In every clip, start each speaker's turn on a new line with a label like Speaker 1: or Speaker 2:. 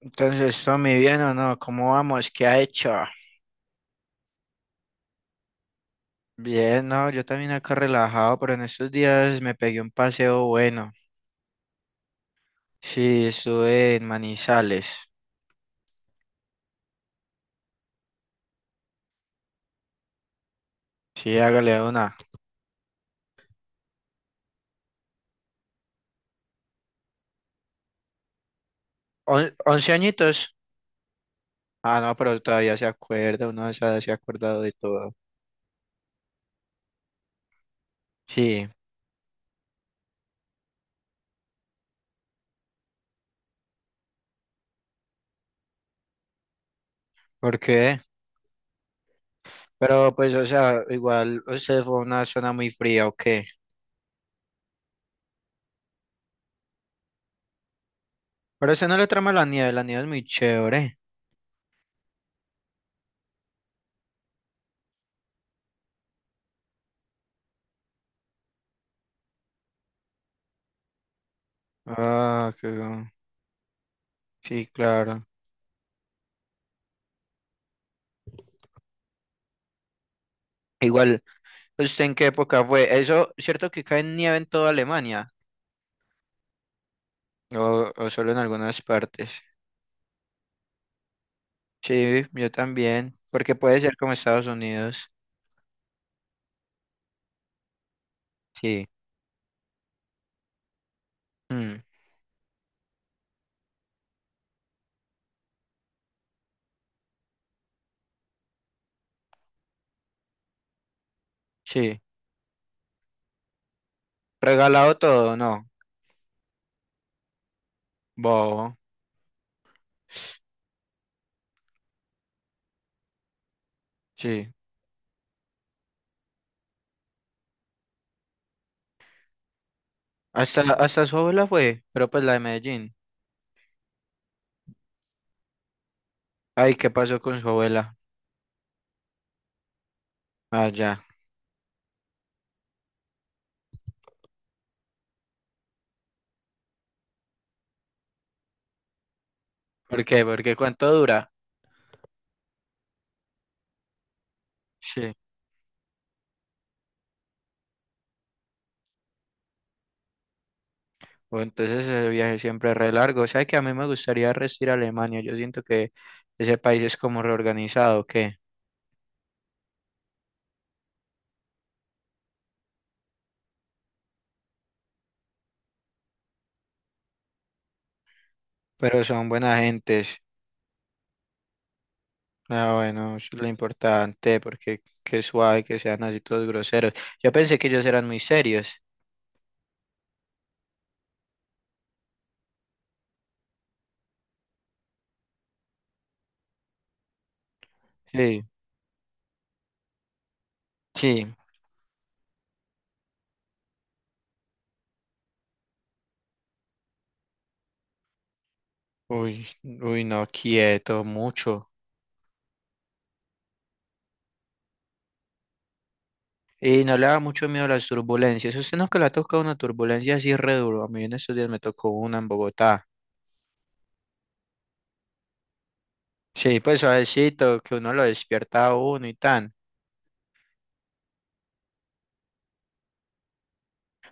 Speaker 1: Entonces, Tommy, ¿bien o no? ¿Cómo vamos? ¿Qué ha hecho? Bien, no, yo también acá relajado, pero en estos días me pegué un paseo bueno. Sí, estuve en Manizales. Sí, hágale una. ¿11 añitos? Ah, no, pero todavía se acuerda, uno se ha acordado de todo. Sí, ¿por qué? Pero pues, o sea, igual, usted fue a una zona muy fría, ¿o qué? Pero usted no le trama la nieve es muy chévere. Ah, qué bueno. Sí, claro. Igual. ¿Usted en qué época fue? Eso, ¿cierto que cae nieve en toda Alemania? O, ¿o solo en algunas partes? Sí, yo también, porque puede ser como Estados Unidos. Sí. Mm, sí. Regalado todo, no. Bobo. Sí. Hasta su abuela fue, pero pues la de Medellín. Ay, ¿qué pasó con su abuela? Ah, ya. ¿Por qué? Porque cuánto dura. Sí. O entonces ese viaje siempre es re largo. O sea que a mí me gustaría rest ir a Alemania. Yo siento que ese país es como reorganizado, ¿o qué? Pero son buena gentes. Ah, bueno, eso es lo importante, porque qué suave que sean así todos groseros. Yo pensé que ellos eran muy serios. Sí, sí. Uy, uy, no, quieto, mucho. Y no le da mucho miedo a las turbulencias. Usted no, que le ha tocado una turbulencia así re duro. A mí en estos días me tocó una en Bogotá. Sí, pues suavecito, que uno lo despierta a uno y tan.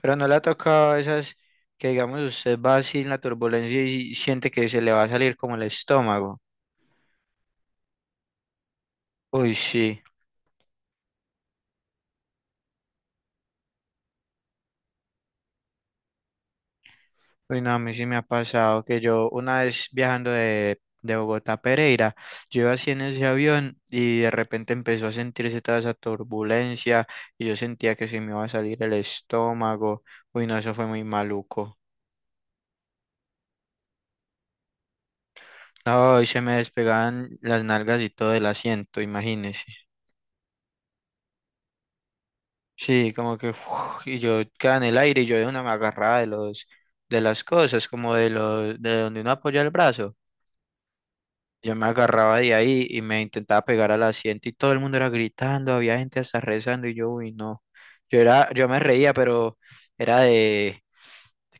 Speaker 1: Pero no le ha tocado esas que, digamos, usted va así en la turbulencia y siente que se le va a salir como el estómago. Uy, sí. Uy, no, a mí sí me ha pasado que yo una vez viajando de Bogotá a Pereira, yo iba así en ese avión y de repente empezó a sentirse toda esa turbulencia y yo sentía que se me iba a salir el estómago. Uy, no, eso fue muy maluco. No, y se me despegaban las nalgas y todo el asiento, imagínese. Sí, como que uf, y yo quedaba en el aire y yo de una me agarraba de las cosas, como de donde uno apoya el brazo. Yo me agarraba de ahí y me intentaba pegar al asiento y todo el mundo era gritando, había gente hasta rezando y yo, uy, no. Yo era, yo me reía, pero era de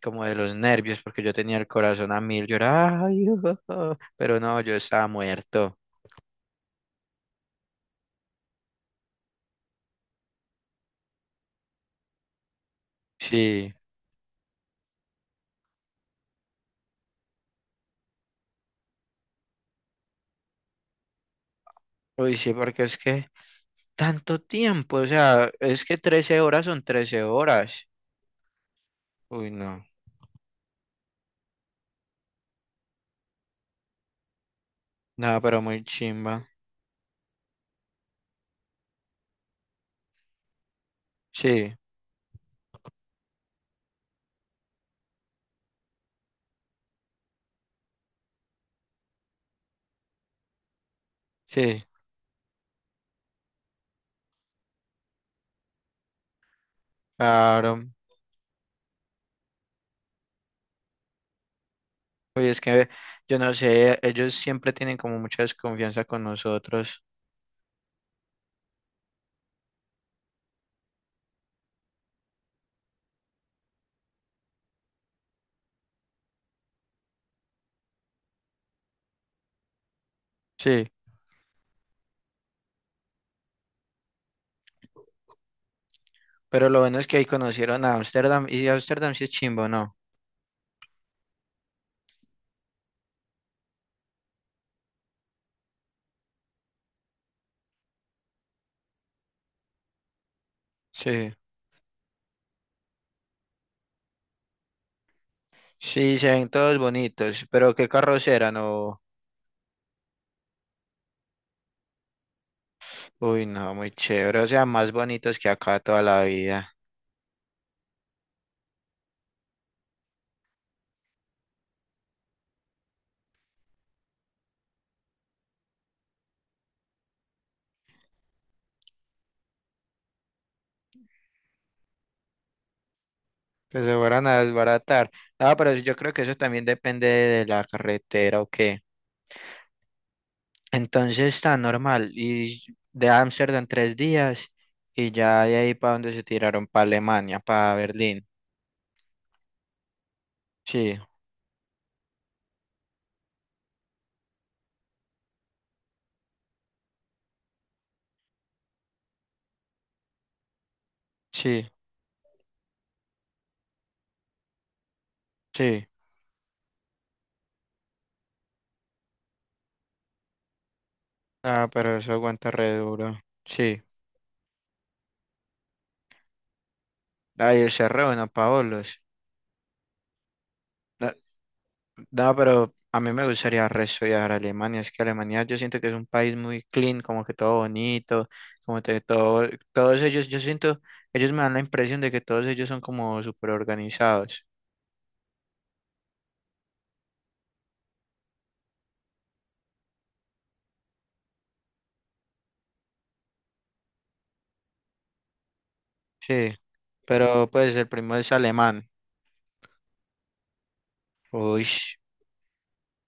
Speaker 1: como de los nervios porque yo tenía el corazón a mil, yo era, "Ay, ah", pero no, yo estaba muerto. Sí, uy, sí, porque es que tanto tiempo, o sea, es que 13 horas son 13 horas. Uy, no, nada, pero muy chimba. Sí, sí, claro. Oye, es que yo no sé, ellos siempre tienen como mucha desconfianza con nosotros. Sí, pero lo bueno es que ahí conocieron a Ámsterdam y Ámsterdam sí es chimbo, ¿no? Sí, sí, se ven todos bonitos, pero qué carros eran, o... Uy, no, muy chévere, o sea, más bonitos que acá toda la vida. Que se fueran a desbaratar. Ah, pero yo creo que eso también depende de la carretera o qué. Entonces está normal. Y de Ámsterdam 3 días y ya de ahí para donde se tiraron, para Alemania, para Berlín. Sí, sí, sí. Ah, pero eso aguanta re duro. Sí. Ay, ese re bueno, Paolos. No, no, pero a mí me gustaría re estudiar Alemania. Es que Alemania yo siento que es un país muy clean, como que todo bonito, como que todo, todos ellos, yo siento, ellos me dan la impresión de que todos ellos son como súper organizados. Sí. Pero pues el primo es alemán. Uy.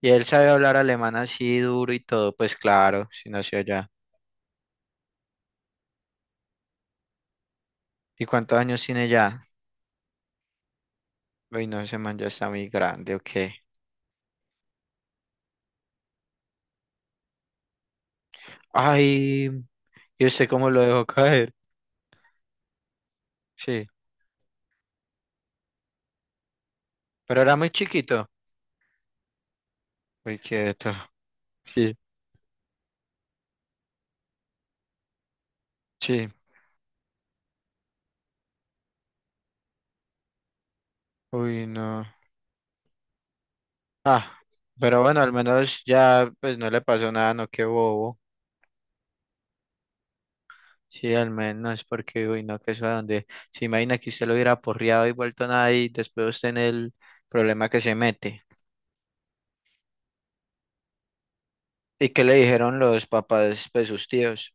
Speaker 1: Y él sabe hablar alemán así duro y todo, pues claro, si nació allá. ¿Y cuántos años tiene ya? Uy, no, ese man ya está muy grande, ok. Ay, ¿yo sé cómo lo dejó caer? Sí, pero era muy chiquito. Uy, quieto. Sí, sí. Uy, no. Ah, pero bueno, al menos ya pues no le pasó nada, no, qué bobo. Sí, al menos, porque, uy, no, que eso a donde. Se imagina que usted lo hubiera porreado y vuelto nada y después usted en el problema que se mete. ¿Y qué le dijeron los papás, pues sus tíos?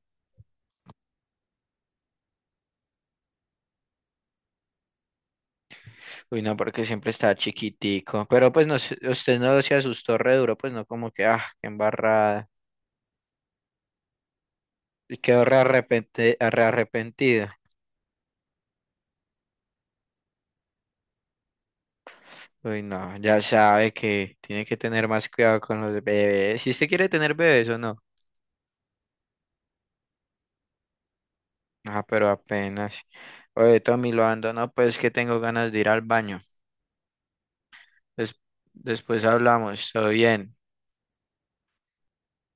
Speaker 1: Uy, no, porque siempre estaba chiquitico. Pero pues no, usted no se asustó re duro, pues no como que, ah, qué embarrada. Y quedó re arrepentido. Uy, no, ya sabe que tiene que tener más cuidado con los bebés. Si usted quiere tener bebés o no. Ah, pero apenas. Oye, Tommy, lo ando, no, pues que tengo ganas de ir al baño. Des- Después hablamos, todo bien.